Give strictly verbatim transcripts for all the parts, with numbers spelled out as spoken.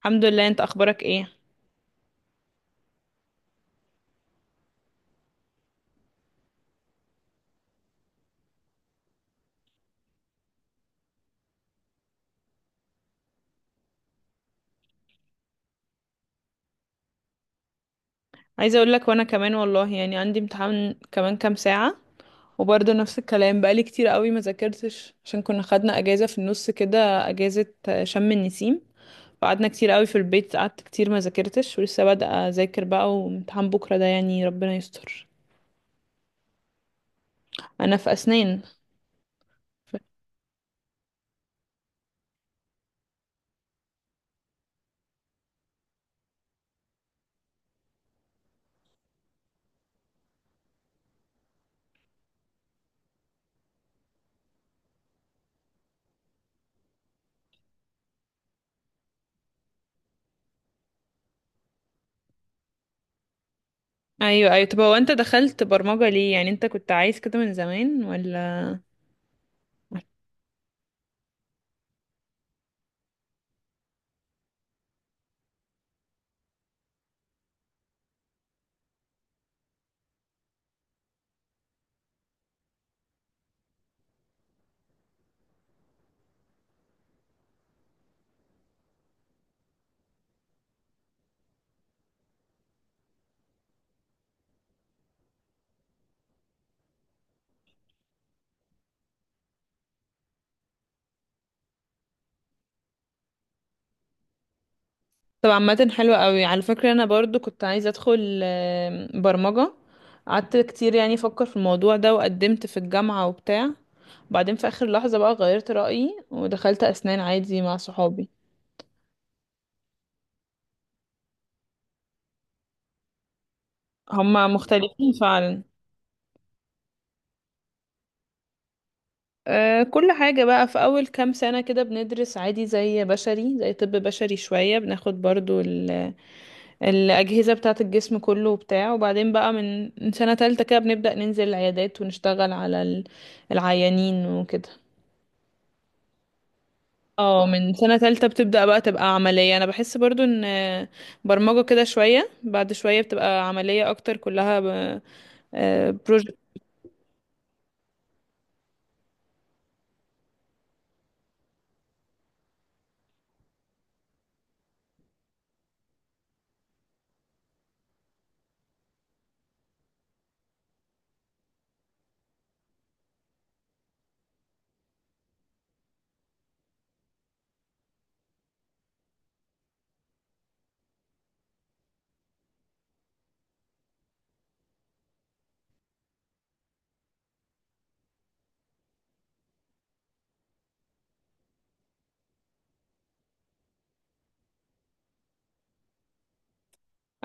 الحمد لله، انت اخبارك ايه؟ عايزه اقول لك وانا كمان والله يعني عندي امتحان كمان كام ساعه، وبرضه نفس الكلام بقالي كتير قوي ما ذاكرتش عشان كنا خدنا اجازه في النص كده، اجازه شم النسيم. فقعدنا كتير قوي في البيت، قعدت كتير ما ذاكرتش ولسه بادئه اذاكر بقى، وامتحان بكره ده يعني ربنا يستر. انا في اسنان. ف- ايوه ايوه، طب هو انت دخلت برمجه ليه؟ يعني انت كنت عايز كده من زمان ولا؟ طب عامة حلوة قوي على فكرة، انا برضو كنت عايزة ادخل آم، برمجة. قعدت كتير يعني افكر في الموضوع ده، وقدمت في الجامعة وبتاع. بعدين في اخر لحظة بقى غيرت رأيي ودخلت اسنان عادي مع صحابي. هما مختلفين فعلا. أه، كل حاجة بقى في اول كام سنة كده بندرس عادي زي بشري، زي طب بشري، شوية بناخد برضو ال- الاجهزة بتاعة الجسم كله وبتاع، وبعدين بقى من من سنة تالتة كده بنبدأ ننزل العيادات ونشتغل على ال- العيانين وكده. اه، من سنة تالتة بتبدأ بقى تبقى عملية. أنا بحس برضو إن برمجة كده شوية بعد شوية بتبقى عملية أكتر، كلها ب... بروجكت.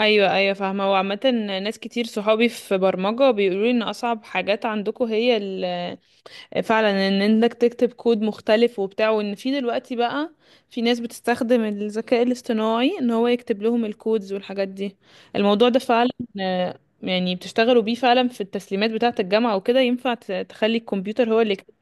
أيوة أيوة فاهمة. وعامة ناس كتير صحابي في برمجة بيقولوا لي إن أصعب حاجات عندكم هي فعلا ان انك تكتب كود مختلف وبتاع، وان في دلوقتي بقى في ناس بتستخدم الذكاء الاصطناعي ان هو يكتب لهم الكودز والحاجات دي. الموضوع ده فعلا آه، يعني بتشتغلوا بيه فعلا في التسليمات بتاعة الجامعة وكده؟ ينفع ت- تخلي الكمبيوتر هو اللي يكتب؟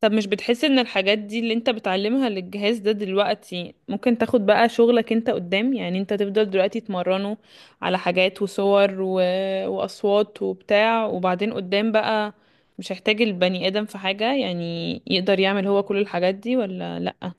طب مش بتحس ان الحاجات دي اللي انت بتعلمها للجهاز ده دلوقتي ممكن تاخد بقى شغلك انت قدام؟ يعني انت تفضل دلوقتي تمرنه على حاجات وصور و... واصوات وبتاع، وبعدين قدام بقى مش هيحتاج البني ادم في حاجة، يعني يقدر يعمل هو كل الحاجات دي ولا لأ؟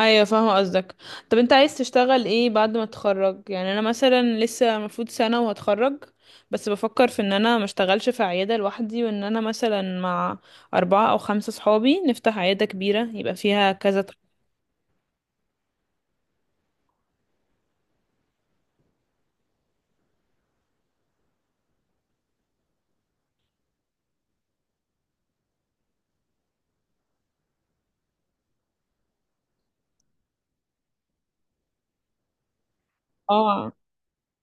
ايوه فاهمه قصدك. طب انت عايز تشتغل ايه بعد ما تتخرج؟ يعني انا مثلا لسه المفروض سنه وهتخرج، بس بفكر في ان انا ما اشتغلش في عياده لوحدي، وان انا مثلا مع اربعه او خمسه صحابي نفتح عياده كبيره يبقى فيها كذا ط- اه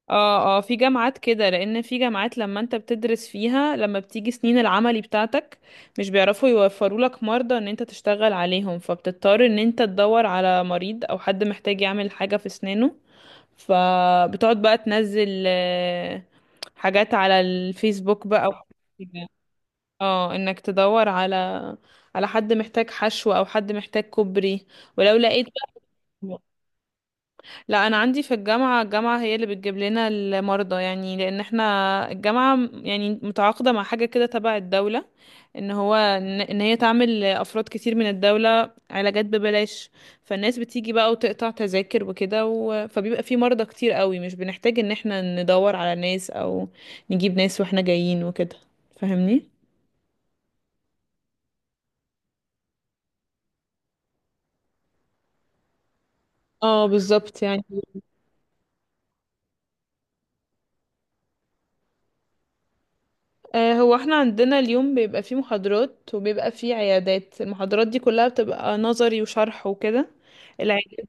اه. اه، في جامعات كده، لان في جامعات لما انت بتدرس فيها لما بتيجي سنين العملي بتاعتك مش بيعرفوا يوفروا لك مرضى ان انت تشتغل عليهم، فبتضطر ان انت تدور على مريض او حد محتاج يعمل حاجه في اسنانه. فبتقعد بقى تنزل آه، حاجات على الفيسبوك بقى أو كده. اه، انك تدور على على حد محتاج حشو او حد محتاج كوبري ولو لقيت بقى. لا، انا عندي في الجامعه، الجامعه هي اللي بتجيب لنا المرضى، يعني لان احنا الجامعه م- يعني متعاقده مع حاجه كده تبع الدوله ان هو ان إن هي تعمل افراد كتير من الدوله علاجات ببلاش. فالناس بتيجي بقى وتقطع تذاكر وكده و... فبيبقى في مرضى كتير قوي، مش بنحتاج ان احنا ندور على ناس او نجيب ناس واحنا جايين وكده. فاهمني؟ اه بالظبط يعني. آه، هو احنا عندنا اليوم بيبقى فيه محاضرات وبيبقى فيه عيادات. المحاضرات دي كلها بتبقى نظري وشرح وكده. العيادات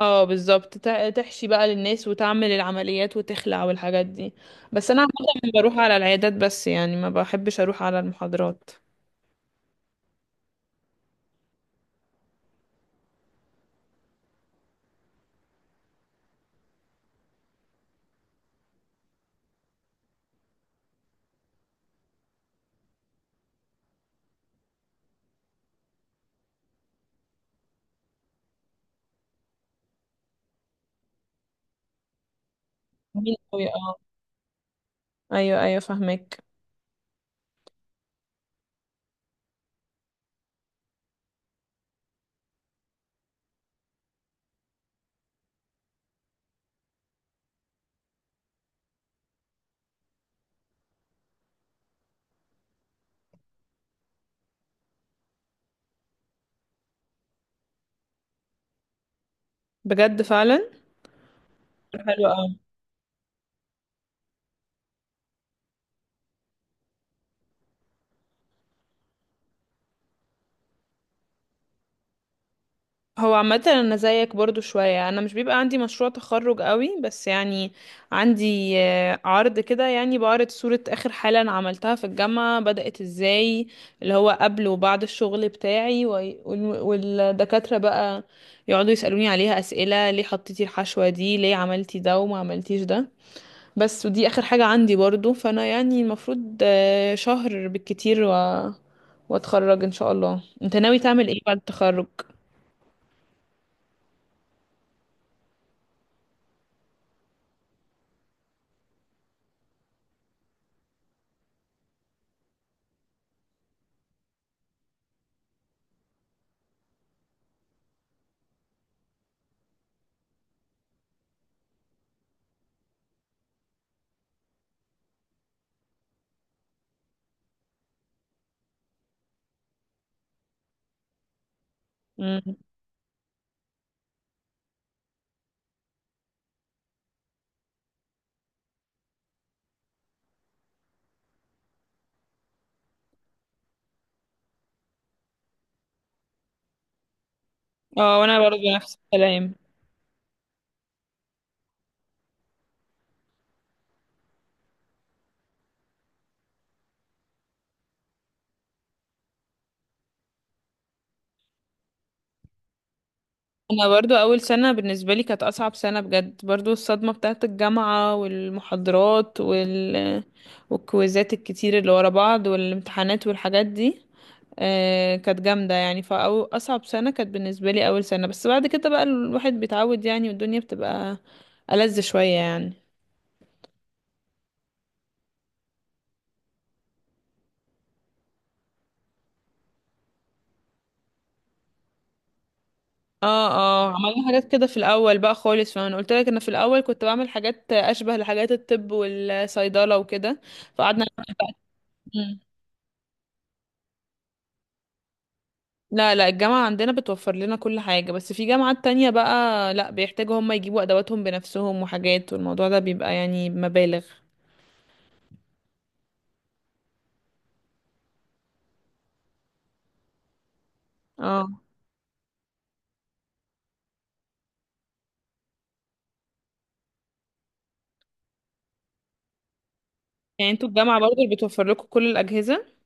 اه بالظبط تع- تحشي بقى للناس وتعمل العمليات وتخلع والحاجات دي. بس انا عامة بروح على العيادات بس، يعني ما بحبش اروح على المحاضرات. مين قوي، اه. ايوه ايوه فاهمك. بجد فعلا، حلو قوي. هو عامة أنا زيك برضو شوية، أنا مش بيبقى عندي مشروع تخرج قوي، بس يعني عندي آه، عرض كده، يعني بعرض صورة آخر حالة أنا عملتها في الجامعة بدأت إزاي، اللي هو قبل وبعد الشغل بتاعي، وي- وال- والدكاترة بقى يقعدوا يسألوني عليها أسئلة ليه حطيتي الحشوة دي، ليه عملتي ده وما عملتيش ده. بس ودي آخر حاجة عندي برضو، فأنا يعني المفروض آه، شهر بالكتير و... واتخرج إن شاء الله. أنت ناوي تعمل إيه بعد التخرج؟ اه وانا برضو نفس الكلام. انا برضو اول سنة بالنسبة لي كانت اصعب سنة بجد، برضو الصدمة بتاعت الجامعة والمحاضرات وال... والكويزات الكتير اللي ورا بعض والامتحانات والحاجات دي. آه كانت جامدة يعني، فأو أصعب سنة كانت بالنسبة لي أول سنة، بس بعد كده بقى الواحد بيتعود يعني، والدنيا بتبقى ألذ شوية يعني. اه اه، عملنا حاجات كده في الاول بقى خالص، فانا قلت لك انا في الاول كنت بعمل حاجات اشبه لحاجات الطب والصيدله وكده فقعدنا. لا لا، الجامعة عندنا بتوفر لنا كل حاجة، بس في جامعات تانية بقى لا، بيحتاجوا هم يجيبوا أدواتهم بنفسهم وحاجات، والموضوع ده بيبقى يعني مبالغ. اه يعني انتوا الجامعة برضه اللي بتوفر لكم كل الأجهزة.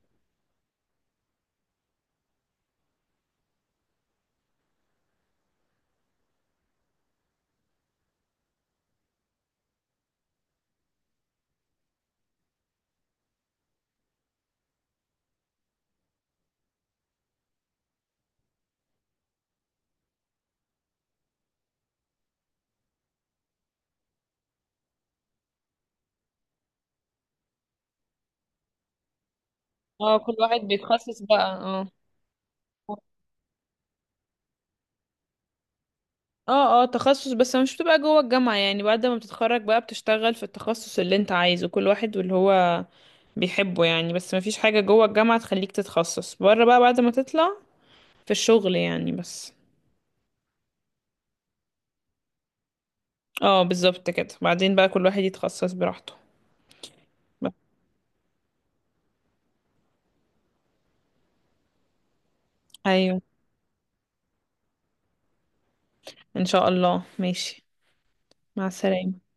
اه كل واحد بيتخصص بقى، اه. اه اه تخصص، بس مش بتبقى جوه الجامعة يعني، بعد ما بتتخرج بقى بتشتغل في التخصص اللي انت عايزه، كل واحد واللي هو بيحبه يعني، بس مفيش حاجة جوه الجامعة تخليك تتخصص، بره بقى بعد ما تطلع في الشغل يعني بس. اه بالظبط كده، بعدين بقى كل واحد يتخصص براحته. ايوه. ان شاء الله ماشي. مع السلامة.